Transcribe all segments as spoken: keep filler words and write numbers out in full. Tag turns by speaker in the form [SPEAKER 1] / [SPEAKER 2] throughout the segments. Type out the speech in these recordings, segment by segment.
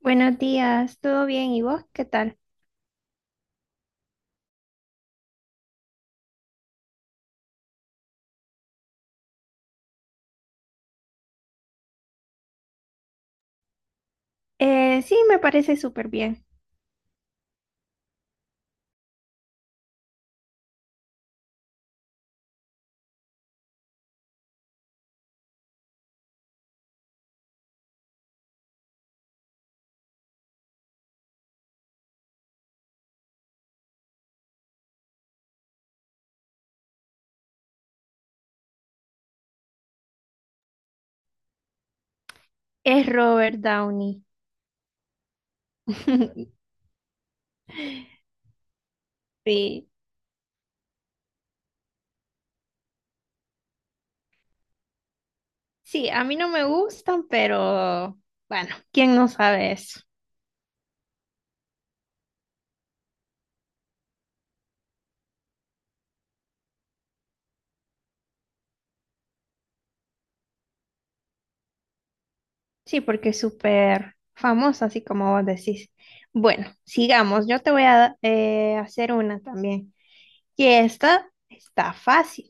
[SPEAKER 1] Buenos días, ¿todo bien? ¿Y vos qué tal? Eh, sí, me parece súper bien. Es Robert Downey. Sí, sí, a mí no me gustan, pero bueno, ¿quién no sabe eso? Sí, porque es súper famoso, así como vos decís. Bueno, sigamos. Yo te voy a eh, hacer una también. Y esta está fácil.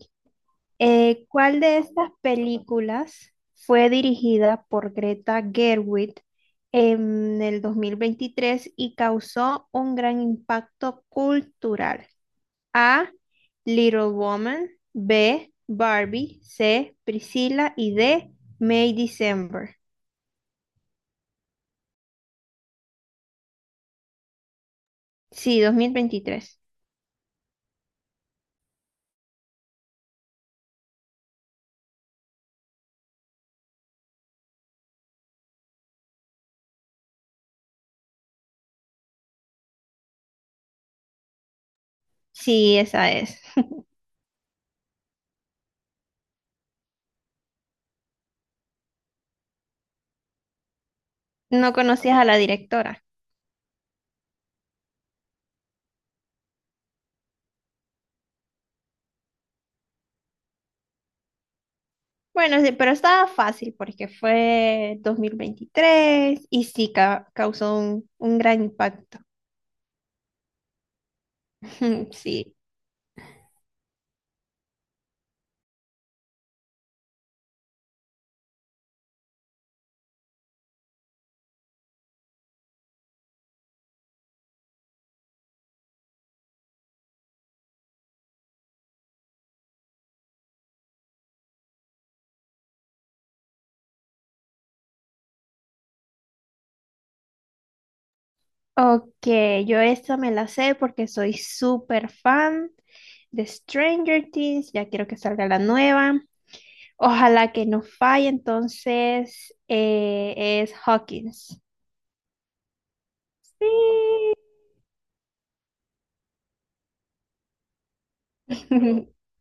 [SPEAKER 1] Eh, ¿cuál de estas películas fue dirigida por Greta Gerwig en el dos mil veintitrés y causó un gran impacto cultural? A. Little Woman, B. Barbie, C. Priscilla y D. May December. Sí, dos mil veintitrés. Sí, esa es. No conocías a la directora. Bueno, sí, pero estaba fácil porque fue dos mil veintitrés y sí ca- causó un, un gran impacto. Sí. Ok, yo esta me la sé porque soy súper fan de Stranger Things. Ya quiero que salga la nueva. Ojalá que no falle, entonces eh, es Hawkins. Sí.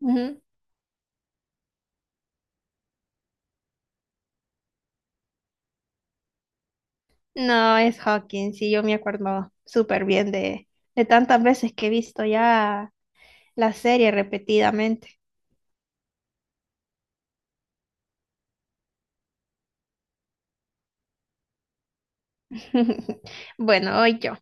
[SPEAKER 1] Ujú. No, es Hawkins, sí, yo me acuerdo súper bien de, de tantas veces que he visto ya la serie repetidamente. Bueno, hoy yo.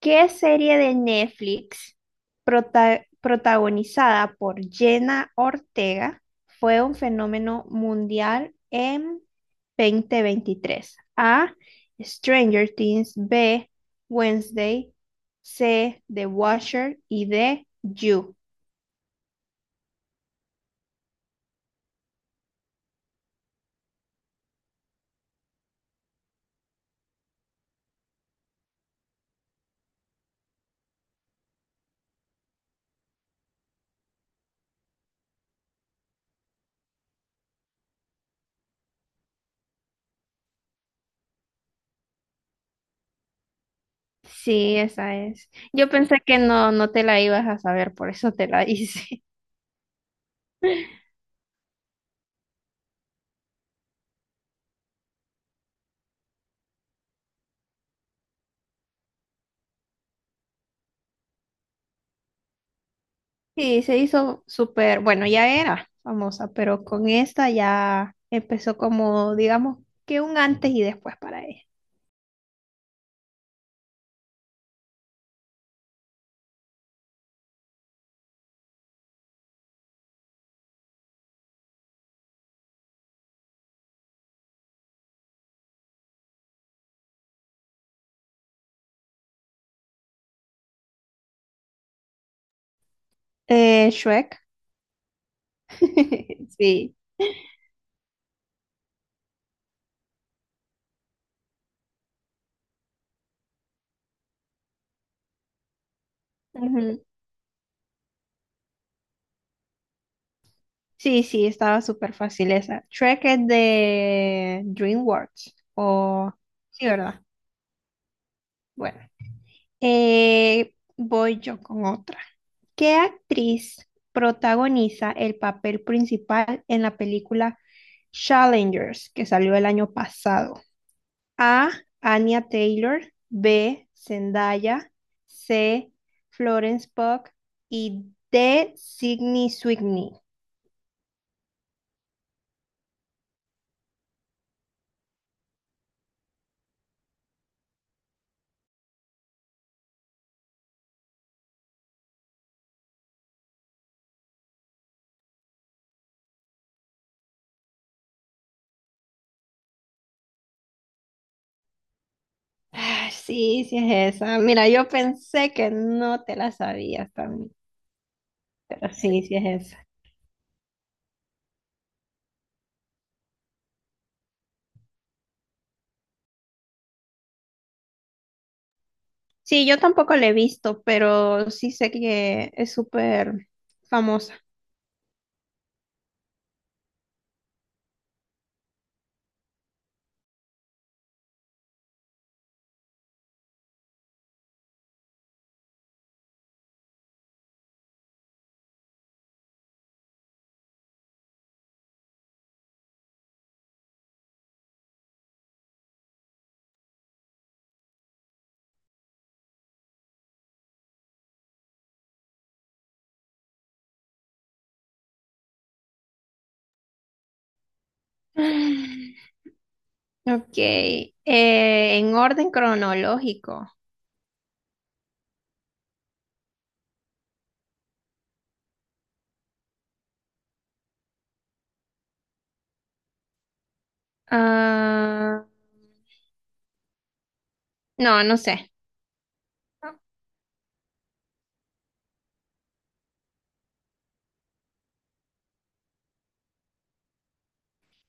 [SPEAKER 1] ¿Qué serie de Netflix prota- protagonizada por Jenna Ortega fue un fenómeno mundial en dos mil veintitrés? A. Stranger Things. B. Wednesday. C. The Watcher. Y D. You. Sí, esa es. Yo pensé que no, no te la ibas a saber, por eso te la hice. Sí, se hizo súper, bueno, ya era famosa, pero con esta ya empezó como, digamos, que un antes y después para ella. Eh, Shrek. Sí. Ujú. Sí, sí, estaba súper fácil esa. Shrek es de DreamWorks. O... Sí, ¿verdad? Bueno. Eh, voy yo con otra. ¿Qué actriz protagoniza el papel principal en la película Challengers que salió el año pasado? A. Anya Taylor. B. Zendaya. C. Florence Pugh. Y D. Sydney Sweeney. Ah, sí, sí es esa. Mira, yo pensé que no te la sabías también, pero sí, sí es esa. Sí, yo tampoco la he visto, pero sí sé que es súper famosa. Ok, eh, en orden cronológico. Ah, no, no sé.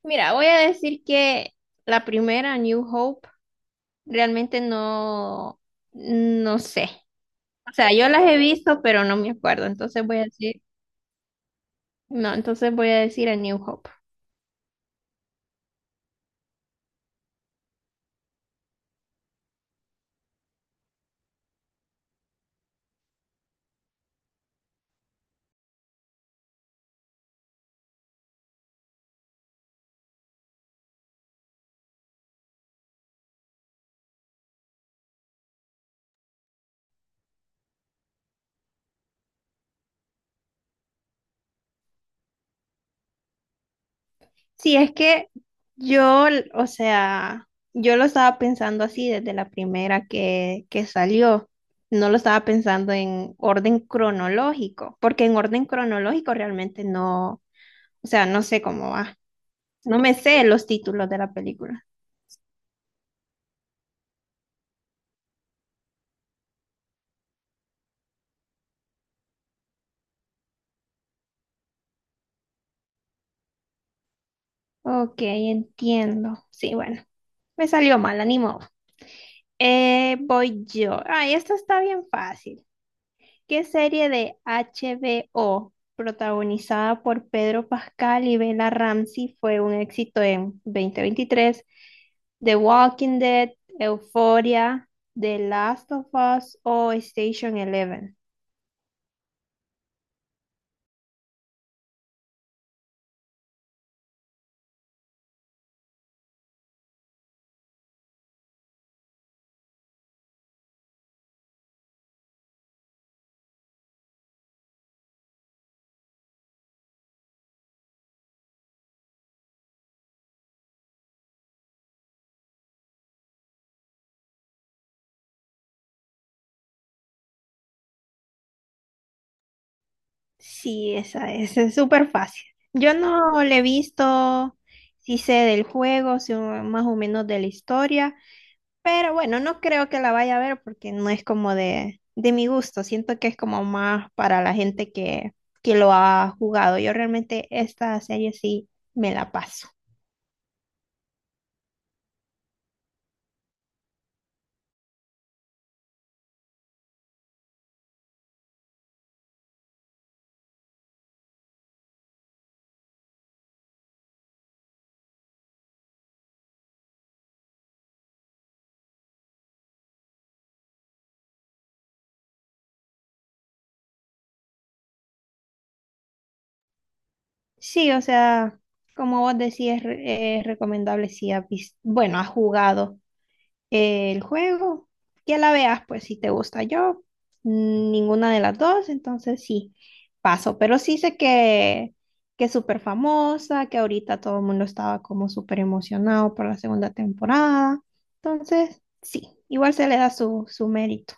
[SPEAKER 1] Mira, voy a decir que la primera, New Hope, realmente no, no sé. O sea, yo las he visto, pero no me acuerdo. Entonces voy a decir, no, entonces voy a decir a New Hope. Sí, es que yo, o sea, yo lo estaba pensando así desde la primera que, que salió. No lo estaba pensando en orden cronológico, porque en orden cronológico realmente no, o sea, no sé cómo va. No me sé los títulos de la película. Ok, entiendo. Sí, bueno, me salió mal, ni modo. Eh, voy yo. Ay, esto está bien fácil. ¿Qué serie de H B O protagonizada por Pedro Pascal y Bella Ramsey fue un éxito en dos mil veintitrés? The Walking Dead, Euphoria, The Last of Us o Station Eleven. Sí, esa es, es súper fácil. Yo no le he visto, sí sé del juego, sí, más o menos de la historia, pero bueno, no creo que la vaya a ver porque no es como de, de mi gusto. Siento que es como más para la gente que, que lo ha jugado. Yo realmente esta serie sí me la paso. Sí, o sea, como vos decís, es, re- es recomendable si has vis- bueno, has jugado. El juego, ya la veas, pues si te gusta yo, mm, ninguna de las dos, entonces sí, paso, pero sí sé que, que es súper famosa, que ahorita todo el mundo estaba como súper emocionado por la segunda temporada, entonces sí, igual se le da su, su mérito.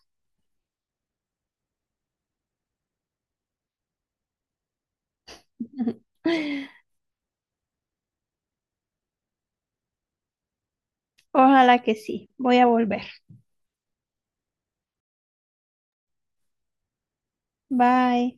[SPEAKER 1] Ojalá que sí, voy a volver. Bye.